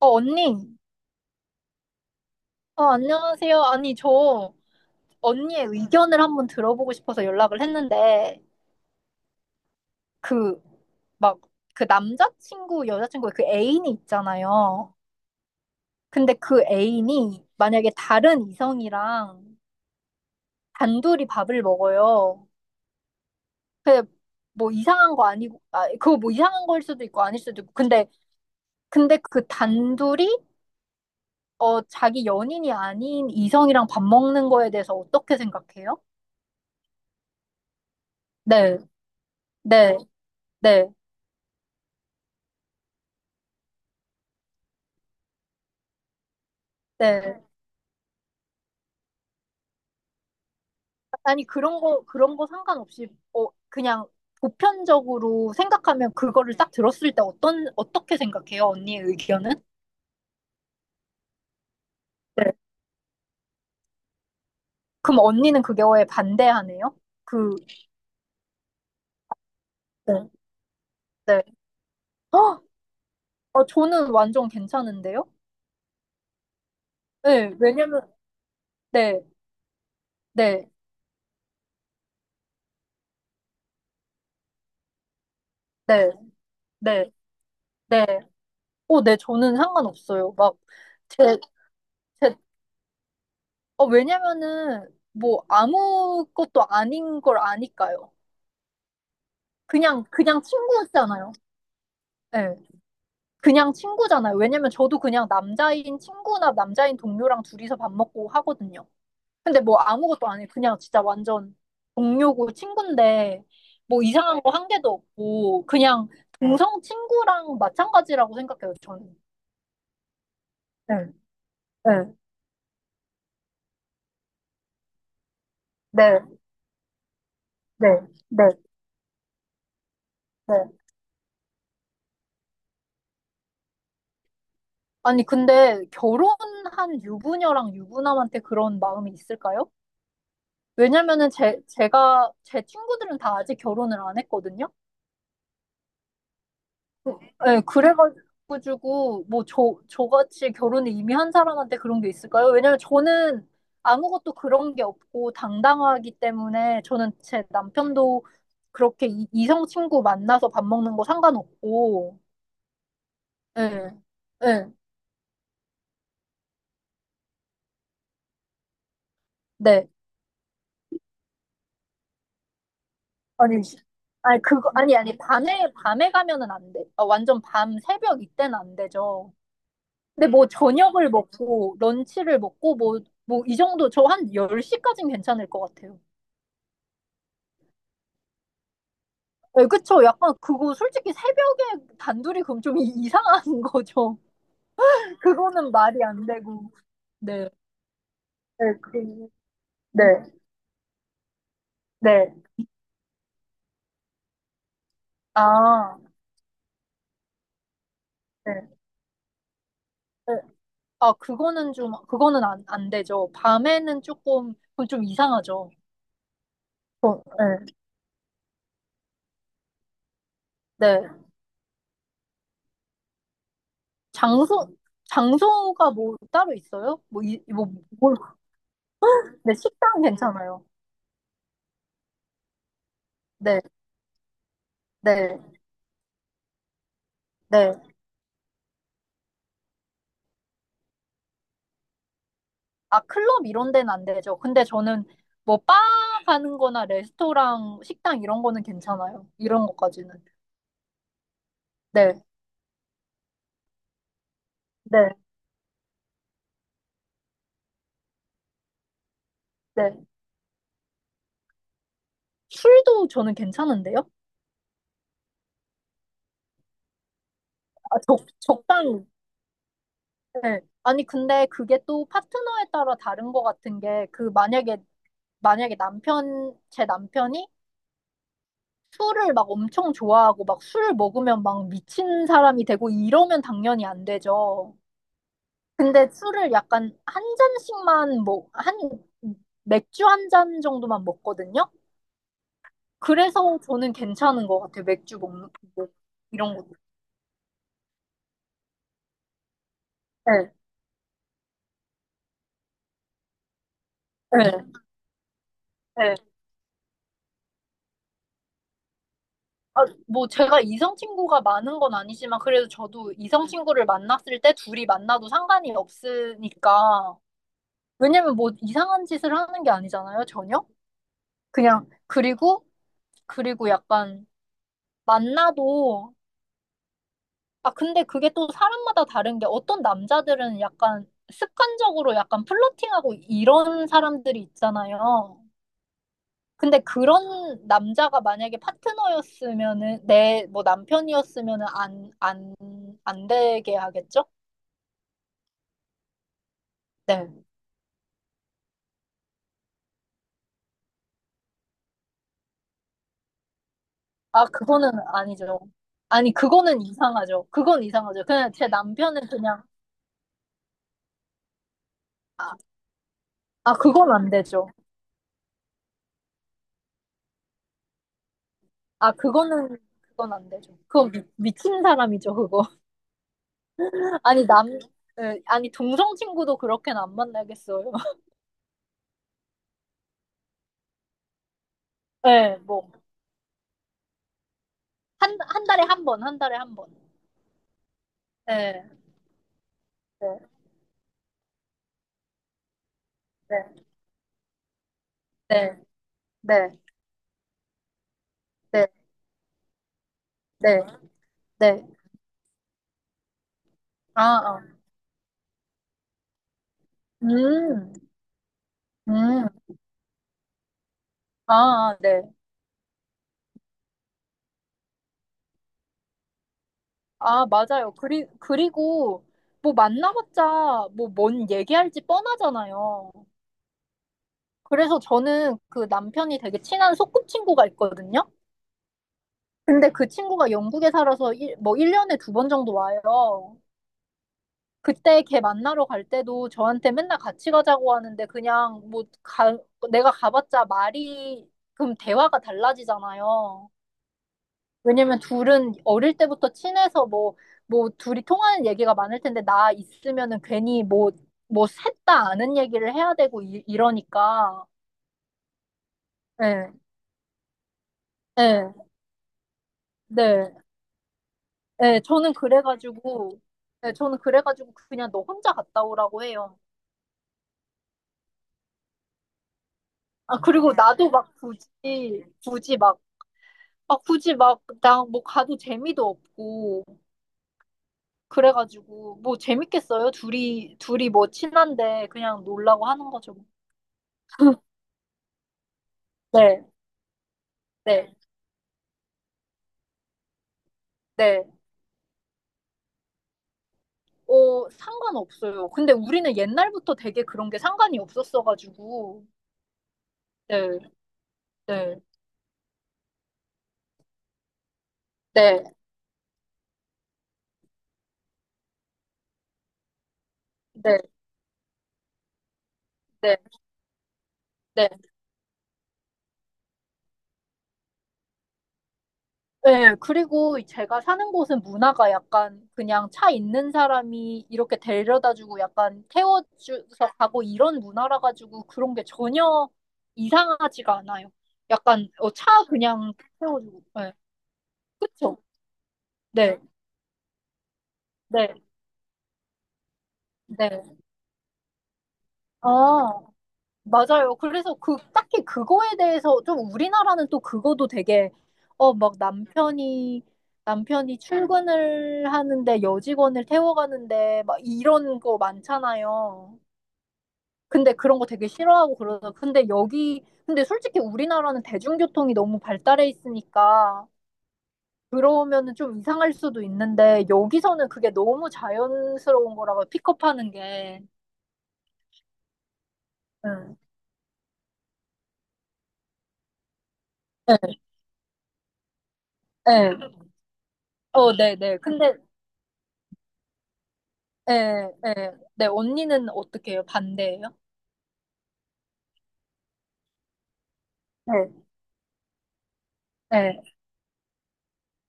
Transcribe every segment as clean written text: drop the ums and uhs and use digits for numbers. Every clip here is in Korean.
어, 언니. 어, 안녕하세요. 아니, 저 언니의 의견을 한번 들어보고 싶어서 연락을 했는데, 그, 막, 그 남자친구, 여자친구의 그 애인이 있잖아요. 근데 그 애인이 만약에 다른 이성이랑 단둘이 밥을 먹어요. 근데 뭐 이상한 거 아니고, 아, 그거 뭐 이상한 거일 수도 있고 아닐 수도 있고. 근데 그 단둘이, 자기 연인이 아닌 이성이랑 밥 먹는 거에 대해서 어떻게 생각해요? 네, 네, 네. 네. 아니, 그런 거 상관없이, 그냥 보편적으로 생각하면 그거를 딱 들었을 때 어떻게 생각해요? 언니의 의견은? 네. 그럼 언니는 그게 왜 반대하네요? 그, 네. 네. 어, 저는 완전 괜찮은데요? 네, 왜냐면, 네, 네, 네, 네, 네. 어, 네, 저는 상관없어요. 제, 제, 왜냐면은, 뭐, 아무것도 아닌 걸 아니까요. 그냥 친구였잖아요. 네. 그냥 친구잖아요. 왜냐면 저도 그냥 남자인 친구나 남자인 동료랑 둘이서 밥 먹고 하거든요. 근데 뭐 아무것도 안 해. 그냥 진짜 완전 동료고 친구인데 뭐 이상한 거 한 개도 없고 그냥 네. 동성 친구랑 마찬가지라고 생각해요, 저는. 네, 네, 네, 네, 네, 네. 아니, 근데 결혼한 유부녀랑 유부남한테 그런 마음이 있을까요? 왜냐면은 제 친구들은 다 아직 결혼을 안 했거든요. 어, 예, 그래가지고, 뭐, 저같이 결혼을 이미 한 사람한테 그런 게 있을까요? 왜냐면 저는 아무것도 그런 게 없고 당당하기 때문에 저는 제 남편도 그렇게 이성 친구 만나서 밥 먹는 거 상관없고, 예, 예, 네. 아니, 아니, 그거, 아니, 밤에 가면은 안 돼. 완전 밤, 새벽 이때는 안 되죠. 근데 뭐 저녁을 먹고, 런치를 먹고, 뭐, 이 정도, 저 한 10시까지는 괜찮을 것 같아요. 네, 그쵸. 약간 그거 솔직히 새벽에 단둘이 그럼 좀 이상한 거죠. 그거는 말이 안 되고. 네. 네, 네, 네. 아, 네. 네. 아, 그거는 안 되죠. 밤에는 조금, 그건 좀 이상하죠. 어, 네. 네. 장소, 장소가 뭐 따로 있어요? 뭘, 네, 식당 괜찮아요. 네, 네, 네. 아, 클럽 이런 데는 안 되죠. 근데 저는 뭐, 바 가는 거나 레스토랑, 식당 이런 거는 괜찮아요. 이런 것까지는. 네, 네, 네. 술도 저는 괜찮은데요? 아, 적당히. 네. 아니, 근데 그게 또 파트너에 따라 다른 것 같은 게, 만약에, 제 남편이 술을 막 엄청 좋아하고, 막 술 먹으면 막 미친 사람이 되고, 이러면 당연히 안 되죠. 근데 술을 약간 한 잔씩만 맥주 한 잔 정도만 먹거든요? 그래서 저는 괜찮은 것 같아요. 맥주 먹는, 뭐, 이런 것도. 네, 네, 네. 아, 뭐, 제가 이성 친구가 많은 건 아니지만, 그래도 저도 이성 친구를 만났을 때 둘이 만나도 상관이 없으니까. 왜냐면 뭐, 이상한 짓을 하는 게 아니잖아요, 전혀? 그냥, 그리고 약간, 만나도 아, 근데 그게 또 사람마다 다른 게 어떤 남자들은 약간 습관적으로 약간 플러팅하고 이런 사람들이 있잖아요. 근데 그런 남자가 만약에 파트너였으면은 내 뭐 남편이었으면은 안 되게 하겠죠? 네. 아, 그거는 아니죠. 아니, 그거는 이상하죠. 그건 이상하죠. 그냥 제 남편은 그냥 아, 그건 안 되죠. 아, 그거는 그건 안 되죠. 그건 미친 사람이죠, 그거. 아니, 예, 아니, 동성 친구도 그렇게는 안 만나겠어요. 예, 뭐, 한, 한 달에 한 번, 한 달에 한 번. 예, 네, 네, 네, 네, 네, 네, 네. 아, 아. 음, 음, 아, 아, 네. 아, 맞아요. 그리고, 뭐, 만나봤자, 뭐, 뭔 얘기할지 뻔하잖아요. 그래서 저는 그 남편이 되게 친한 소꿉친구가 있거든요. 근데 그 친구가 영국에 살아서 뭐 1년에 두 번 정도 와요. 그때 걔 만나러 갈 때도 저한테 맨날 같이 가자고 하는데 그냥 뭐 가, 내가 가봤자 말이 그럼 대화가 달라지잖아요. 왜냐면 둘은 어릴 때부터 친해서 뭐, 뭐 둘이 통하는 얘기가 많을 텐데 나 있으면은 괜히 뭐, 뭐 셋 다 아는 얘기를 해야 되고 이러니까. 예, 예, 네. 예, 저는 그래가지고, 예, 저는 그래가지고 그냥 너 혼자 갔다 오라고 해요. 아, 그리고 나도 막 굳이 막 아, 굳이 막, 나 뭐 가도 재미도 없고, 그래가지고, 뭐 재밌겠어요? 둘이 뭐 친한데 그냥 놀라고 하는 거죠. 네, 네, 네. 어, 상관없어요. 근데 우리는 옛날부터 되게 그런 게 상관이 없었어가지고, 네, 네, 네, 네, 네, 네. 네, 그리고 제가 사는 곳은 문화가 약간 그냥 차 있는 사람이 이렇게 데려다주고 약간 태워줘서 가고 이런 문화라 가지고 그런 게 전혀 이상하지가 않아요. 약간 차 그냥 태워주고. 네, 그쵸? 네, 네, 네. 아, 맞아요. 그래서 딱히 그거에 대해서 좀 우리나라는 또 그거도 되게, 막 남편이 출근을 하는데 여직원을 태워가는데 막 이런 거 많잖아요. 근데 그런 거 되게 싫어하고 그러죠. 근데 솔직히 우리나라는 대중교통이 너무 발달해 있으니까 그러면은 좀 이상할 수도 있는데 여기서는 그게 너무 자연스러운 거라고 픽업하는 게. 응. 네, 네. 어, 네, 네. 근데 예, 예. 네, 언니는 어떻게 해요? 반대예요? 네. 네.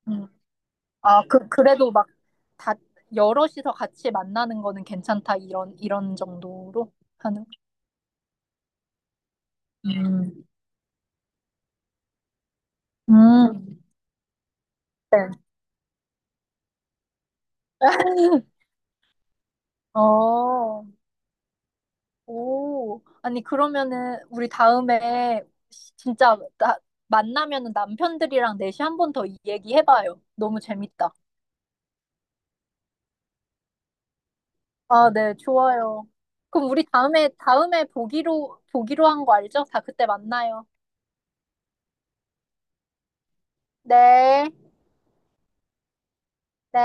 음. 아, 그래도 막 다, 여럿이서 같이 만나는 거는 괜찮다, 이런 정도로 하는. 음. 음. 네. 어, 오. 아니, 그러면은, 우리 다음에, 진짜, 만나면은 남편들이랑 넷이 한 번 더 얘기해봐요. 너무 재밌다. 아, 네, 좋아요. 그럼 우리 다음에, 보기로 한 거 알죠? 다 그때 만나요. 네, 네.